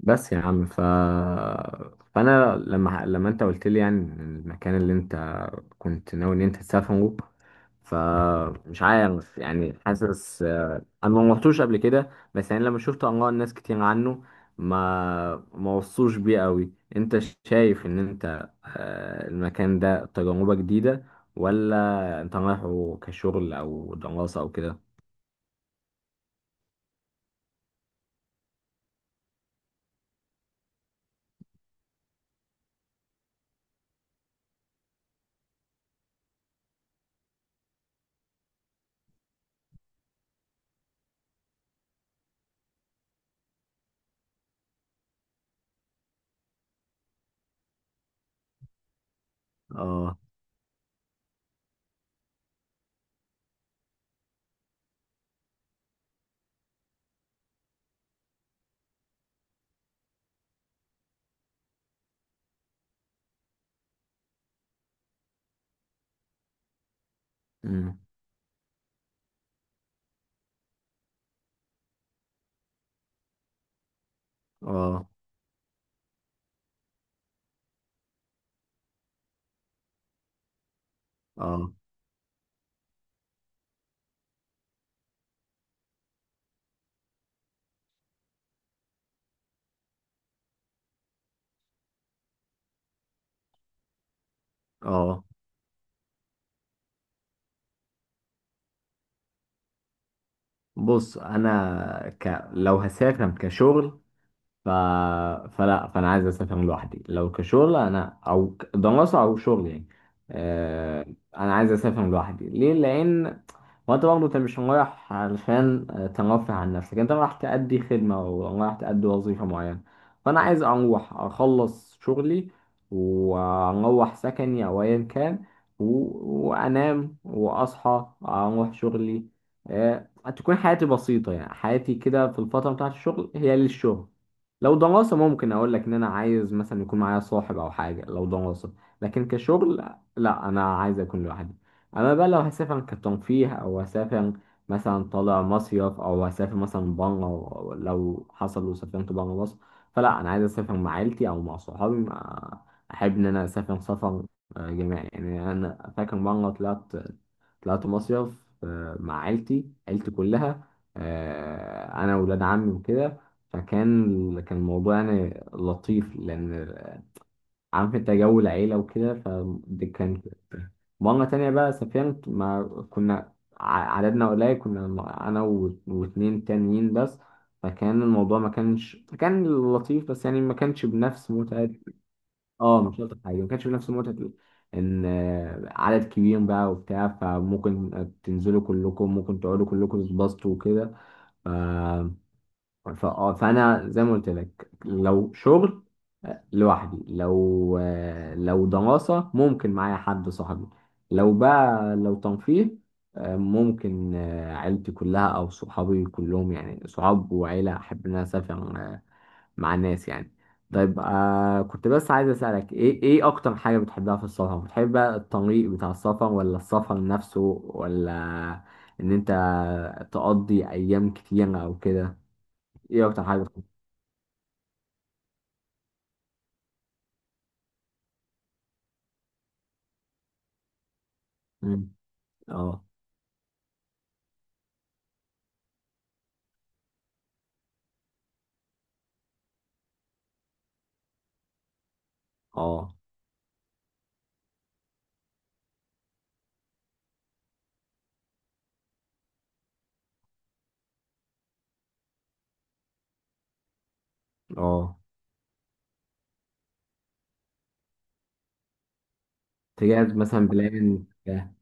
بس يا عم فانا لما انت قلت لي، يعني المكان اللي انت كنت ناوي ان انت تسافره، فمش عارف، يعني حاسس. انا ما رحتوش قبل كده، بس يعني لما شفت اراء الناس كتير عنه ما وصوش بيه قوي. انت شايف ان انت، المكان ده تجربة جديدة، ولا انت رايحه كشغل او دراسة او كده؟ اه. أمم. اه. اه. اه. بص، انا لو هسافر كشغل، ف... فلا، فانا عايز اسافر لوحدي. لو كشغل انا او دراسه او شغل، يعني آه... انا عايز اسافر لوحدي. ليه؟ لان هو انت برضه، انت مش رايح علشان ترفه عن نفسك، انت رايح تأدي خدمه او رايح تأدي وظيفه معينه. فانا عايز اروح اخلص شغلي، واروح سكني او ايا كان، و... وانام واصحى اروح شغلي. آه... تكون حياتي بسيطه، يعني حياتي كده في الفتره بتاعت الشغل هي للشغل. لو دراسة، ممكن أقول لك إن أنا عايز مثلا يكون معايا صاحب أو حاجة لو دراسة، لكن كشغل لا، أنا عايز أكون لوحدي. أما بقى لو هسافر كترفيه، أو هسافر مثلا طالع مصيف، أو هسافر مثلا بره، لو حصل وسافرت بره مصر، فلا أنا عايز أسافر مع عيلتي أو مع صحابي، أحب إن أنا أسافر سفر جماعي. يعني أنا فاكر مرة طلعت، طلعت مصيف مع عيلتي، عيلتي كلها، أنا وولاد عمي وكده. فكان الموضوع يعني لطيف، لأن عارف أنت جو العيلة وكده، فدي كانت. مرة تانية بقى سافرت، ما كنا عددنا قليل، كنا أنا واتنين تانيين بس، فكان الموضوع ما كانش كان لطيف، بس يعني ما كانش بنفس متعة. اه، مش شرط حاجة، ما كانش بنفس متعة إن عدد كبير بقى وبتاع، فممكن تنزلوا كلكم، ممكن تقعدوا كلكم تتبسطوا وكده. فانا زي ما قلت لك، لو شغل لوحدي، لو لو دراسة ممكن معايا حد صاحبي، لو بقى لو تنفيذ، ممكن عيلتي كلها او صحابي كلهم، يعني صحاب وعيلة احب ان انا اسافر مع الناس يعني. طيب، آه، كنت بس عايز اسالك ايه؟ ايه اكتر حاجة بتحبها في السفر؟ بتحب بقى الطريق بتاع السفر، ولا السفر نفسه، ولا ان انت تقضي ايام كتير او كده؟ ايه اكتر حاجة؟ مم. اه. اه. اه. تجهز مثلا بلان، اه.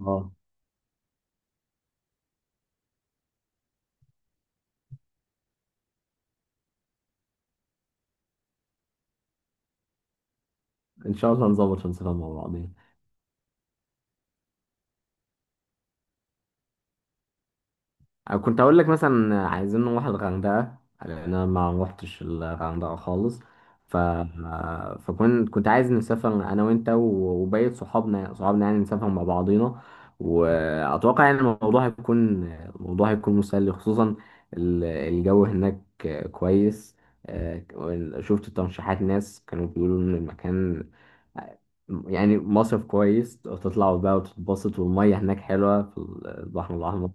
اه. ان شاء الله نظبط ونسافر مع بعض. أنا كنت أقول لك مثلا عايزين نروح الغردقة، لأن أنا ما روحتش الغردقة خالص. فكنت عايز نسافر أنا وأنت وبقية صحابنا، يعني نسافر مع بعضينا. وأتوقع يعني الموضوع هيكون مسلي، خصوصا الجو هناك كويس. آه، شفت ترشيحات ناس كانوا بيقولوا إن المكان يعني مصيف كويس، تطلعوا بقى وتتبسط، والمية هناك حلوة في البحر الأحمر.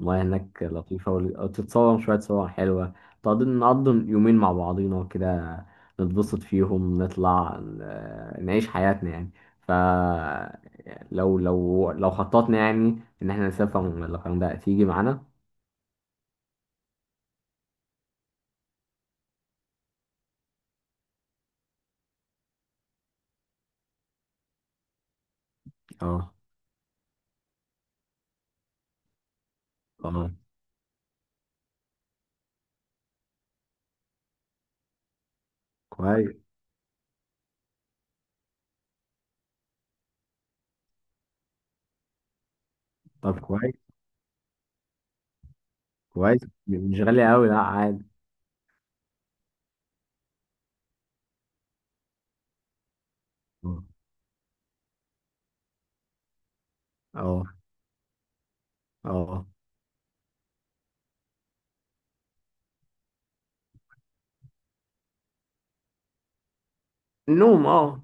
المياه هناك لطيفة، وتتصور شوية صور حلوة. تقضي نقضي يومين مع بعضينا كده، نتبسط فيهم، نطلع نعيش حياتنا يعني. ف، لو خططنا يعني إن احنا نسافر من الغردقة، تيجي معانا؟ اه. اه. كويس. طب كويس. كويس، مش غالية أوي، لا عادي. اه. اه. اه. النوم، اه.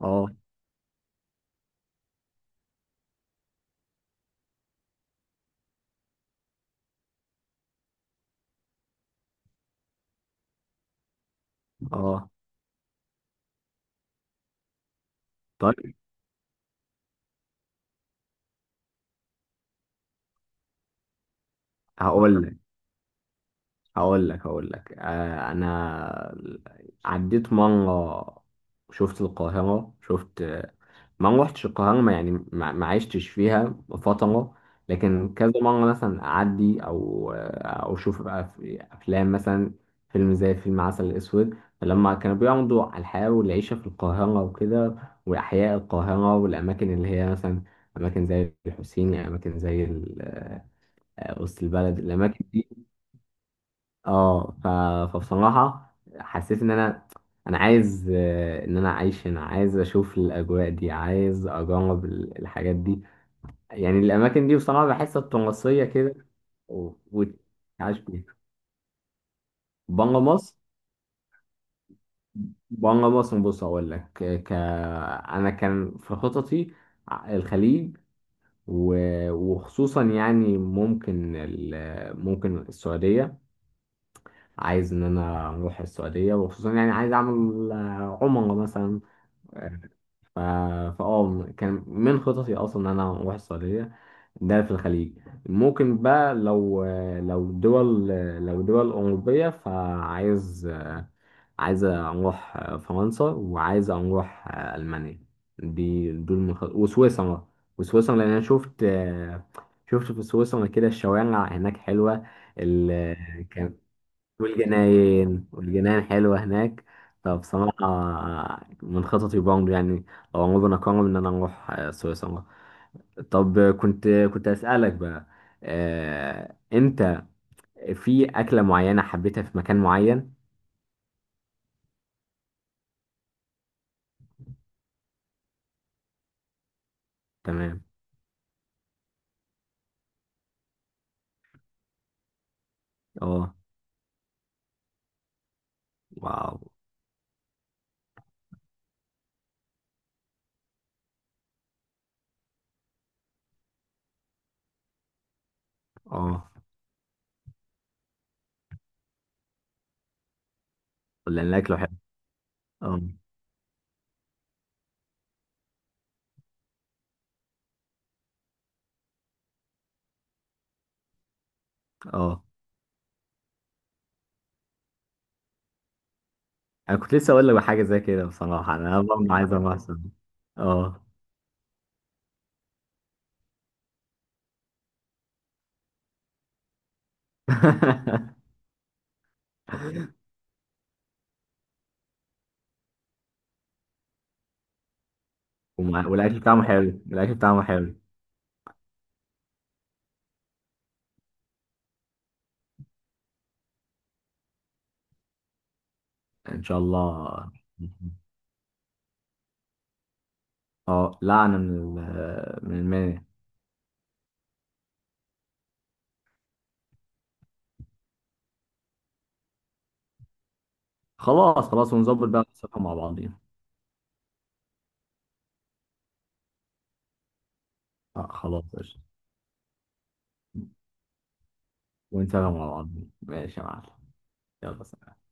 اه. اه. طيب. هقول لك. هقول لك. آه، انا عديت مره، شفت القاهره، شفت، ما روحتش القاهره، ما يعني ما عشتش فيها فتره. لكن كذا مره مثلا اعدي، او او اشوف بقى في افلام مثلا، فيلم زي فيلم عسل اسود. فلما كانوا بيعرضوا على الحياه والعيشه في القاهره وكده، واحياء القاهره، والاماكن اللي هي مثلا اماكن زي الحسيني، اماكن زي وسط البلد، الاماكن دي. اه. فبصراحة حسيت ان انا، انا عايز ان انا اعيش هنا، عايز اشوف الاجواء دي، عايز اجرب الحاجات دي. يعني الاماكن دي بصراحة بحسها تراثية كده، وتعيش بيها. بره مصر، بره مصر بص اقول لك، انا كان في خططي، الخليج، و... وخصوصا يعني ممكن، ممكن السعودية. عايز ان انا اروح السعودية، وخصوصا يعني عايز اعمل عمرة مثلا. ف- فاه كان من خططي اصلا ان انا اروح السعوديه، ده في الخليج. ممكن بقى لو دول لو دول اوروبيه، فعايز، عايز اروح فرنسا، وعايز اروح المانيا. دي دول من خط... وسويسرا وسويسرا. لان انا شفت، في سويسرا كده الشوارع هناك حلوه، ال... والجناين والجناين حلوة هناك. فبصراحة من خططي برضه، يعني لو عمرنا قرر إن أنا أروح سويسرا. طب كنت، أسألك بقى، أنت في أكلة معينة حبيتها في مكان معين؟ تمام. أه. واو. أه، لأن الأكل حلو. أه. أه. أنا كنت لسه أقول لك حاجة زي كده، بصراحة أنا برضه عايز أروح سويسرا. أه. والأكل بتاعهم حلو، الأكل بتاعهم حلو. إن شاء الله. اه، لعنة من من المانيا. خلاص خلاص ونظبط بقى، ونسافر مع بعضينا. آه خلاص قشطة. ونسافر مع بعضينا ماشي يا معلم. يلا سلام.